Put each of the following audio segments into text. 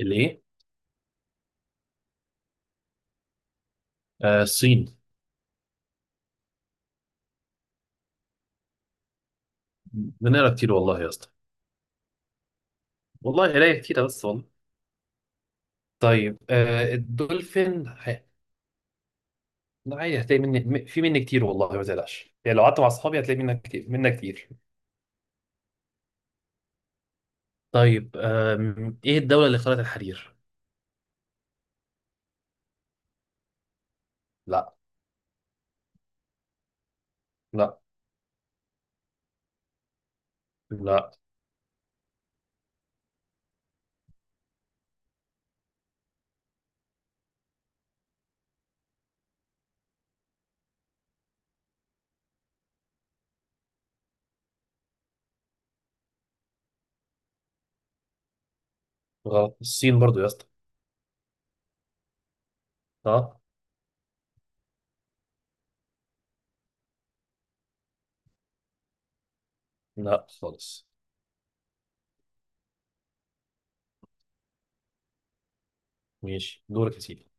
الايه؟ آه، الصين. بنقرا كتير والله يا اسطى. والله قرايه كتيره بس والله. طيب، الدولفين لا، عادي هتلاقي مني في مني كتير، والله ما تقلقش يعني لو قعدت مع اصحابي هتلاقي منك كتير منك كتير. طيب، ايه الدوله اللي اخترعت الحرير؟ لا. لا. لا. غلط. الصين برضو يا اسطى. اه. لا خالص. ماشي، دورك يا سيدي.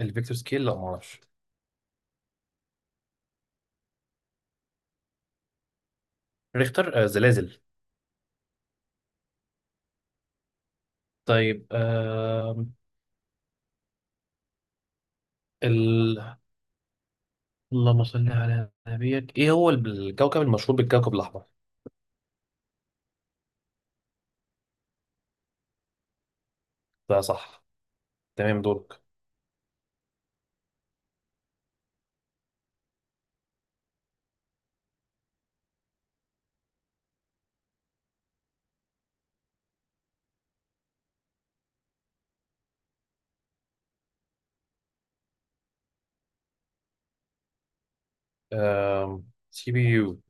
الفيكتور سكيل؟ لا، ما اعرفش. ريختر، زلازل. طيب، اللهم صل على نبيك، ايه هو الكوكب المشهور بالكوكب الاحمر؟ ده صح. تمام، دورك. CPU؟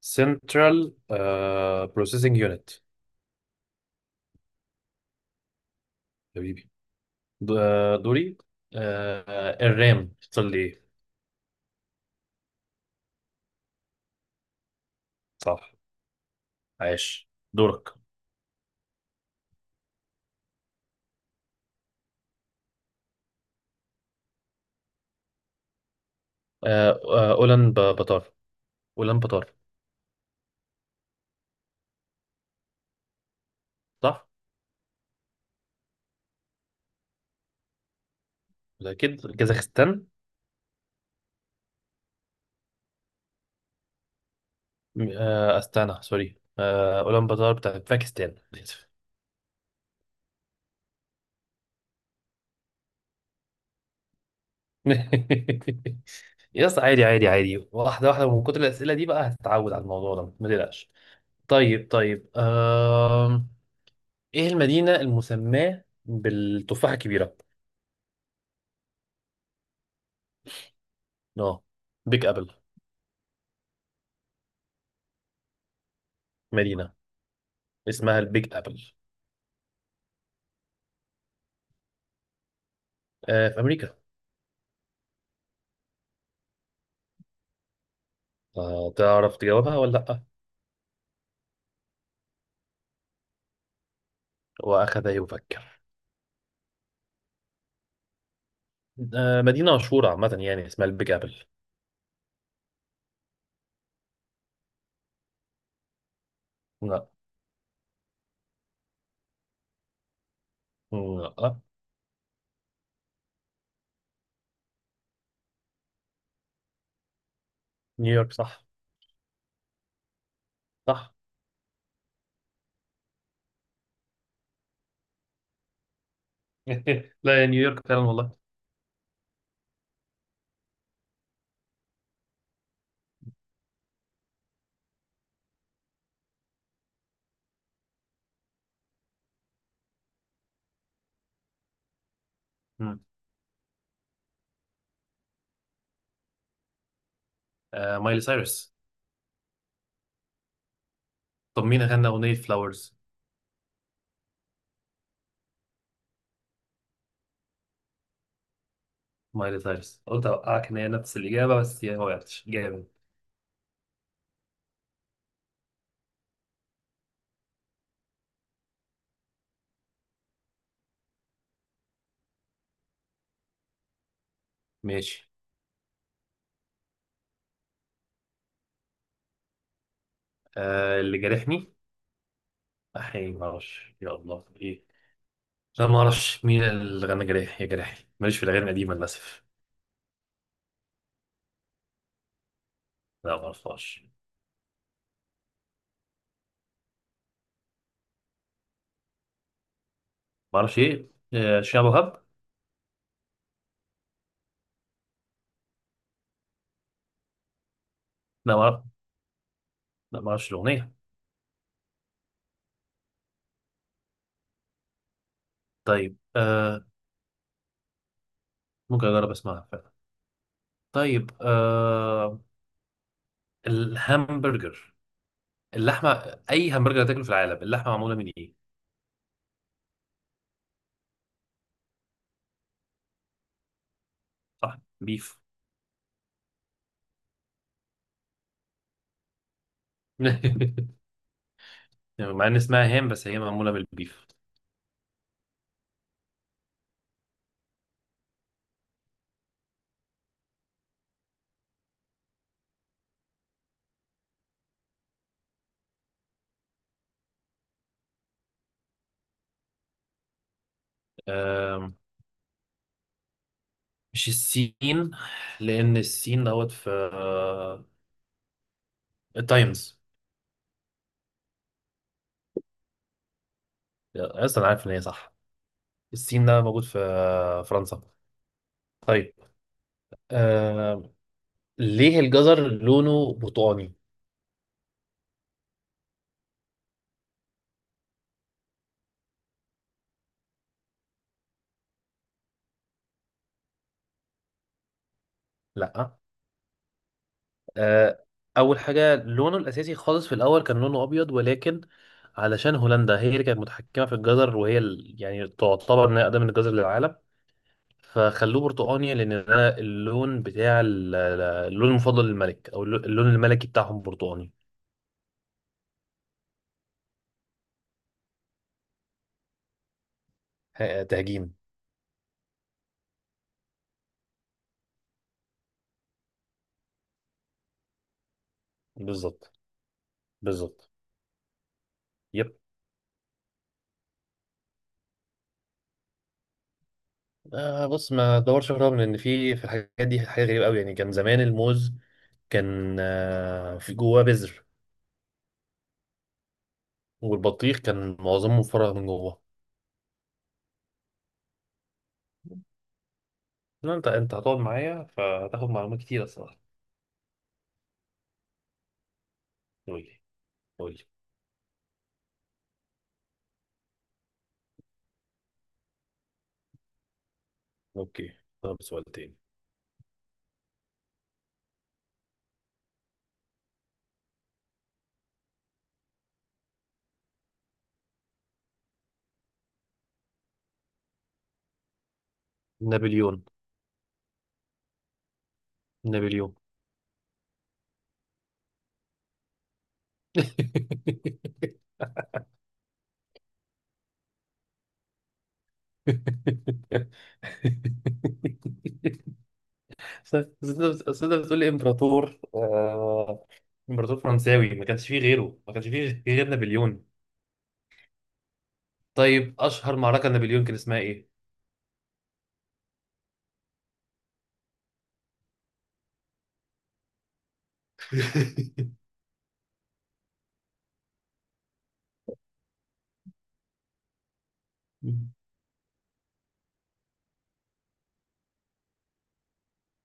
سنترال بروسيسنج يونت. حبيبي. دوري. الرام اختصار ليه؟ صح. عاش، دورك. اولان بطار. اولان بطار، صح؟ ولا، اكيد كازاخستان. استانا، سوري، اولان بطار بتاع باكستان. يا اسطى، عادي عادي عادي، واحدة واحدة، ومن كتر الأسئلة دي بقى هتتعود على الموضوع ده، ما تقلقش. طيب، طيب. ايه المدينة المسماة بالتفاحة الكبيرة؟ اه، بيج أبل. مدينة اسمها البيج أبل. في أمريكا. تعرف تجاوبها ولا لأ؟ وأخذ يفكر. مدينة مشهورة عامة يعني، اسمها البيج أبل. لا. لا. نيويورك صح. صح. لا، يا نيويورك فعلا والله. مم. آه، مايلي سايرس. طب مين غنى أغنية فلاورز؟ مايلي سايرس، قلت أوقعك إن هي نفس الإجابة بس هي ما وقعتش جامد. ماشي. آه، اللي جارحني. أحيي، ما أعرفش يا الله إيه. لا، ما أعرفش مين اللي غنى جارحي يا جارحي، ماليش في الأغاني القديمة للأسف. لا، ما أعرفهاش. ما أعرفش إيه، شعب وهب. لا ما أعرف. لا، ما أعرفش الأغنية. طيب، ممكن أجرب أسمعها فعلا. طيب، الهامبرجر. اللحمة، أي همبرجر هتاكله في العالم اللحمة معمولة من إيه؟ صح، بيف. يعني مع ان اسمها هام، بس هي معموله بالبيف. آم، مش السين. لان السين دوت في التايمز. اصلا أنا عارف ان هي صح. السين ده موجود في فرنسا. طيب، آم، ليه الجزر لونه برتقاني؟ لا. آه، اول حاجه، لونه الاساسي خالص في الاول كان لونه ابيض، ولكن علشان هولندا هي اللي كانت متحكمه في الجزر، وهي يعني تعتبر انها اقدم من الجزر للعالم. فخلوه برتقاني، لان انا اللون بتاع اللون المفضل للملك، او اللون الملكي بتاعهم برتقاني. تهجيم. بالظبط. بالظبط. يب. بص، ما دورش في، رغم ان في الحاجات دي حاجه غريبه قوي يعني، كان زمان الموز كان في جواه بذر. والبطيخ كان معظمه مفرغ من جواه. لا، انت هتقعد معايا فهتاخد معلومات كتير الصراحه. قول لي، قول لي. اوكي. طب، سؤال تاني. نابليون. نابليون. أصل أنت أصل أنت بتقول لي إمبراطور، إمبراطور فرنساوي ما كانش فيه غيره، ما كانش فيه غير نابليون. طيب، أشهر معركة نابليون كان اسمها إيه؟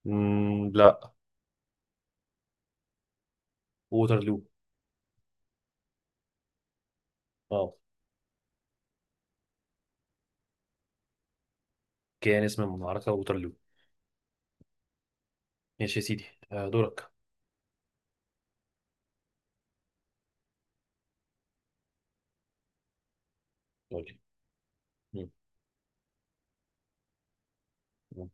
مم، لا. ووترلو. اه. كان اسم المعركة ووترلو. ماشي يا سيدي. دورك. قول لي.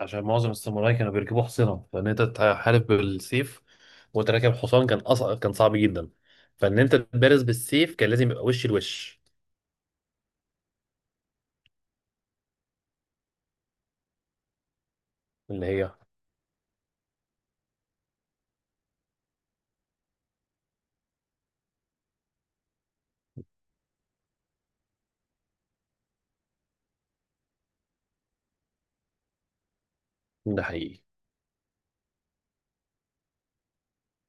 عشان معظم الساموراي كانوا بيركبوا حصينة، فان انت تحارب بالسيف وانت راكب حصان كان صعب جدا. فان انت تبارز بالسيف كان لازم يبقى وش لوش. اللي هي؟ ده حقيقي.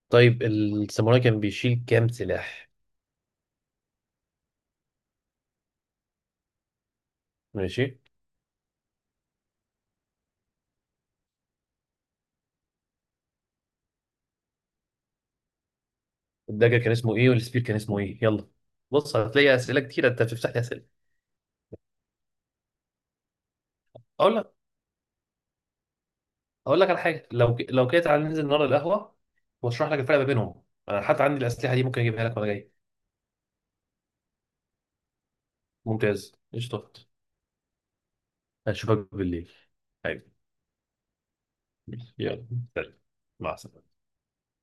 طيب، الساموراي كان بيشيل كام سلاح؟ ماشي. الدagger كان اسمه ايه والسبير كان اسمه ايه؟ يلا. بص، هتلاقي اسئله كتير انت، بتفتح لي اسئله. اقول لك، اقول لك على حاجه، لو لو كده تعالى ننزل النهارده القهوه، واشرح لك الفرق ما بينهم. انا حتى عندي الاسلحه دي ممكن اجيبها لك وانا جاي. ممتاز، قشطه. اشوفك بالليل، حبيبي. يلا، سلام. مع السلامة.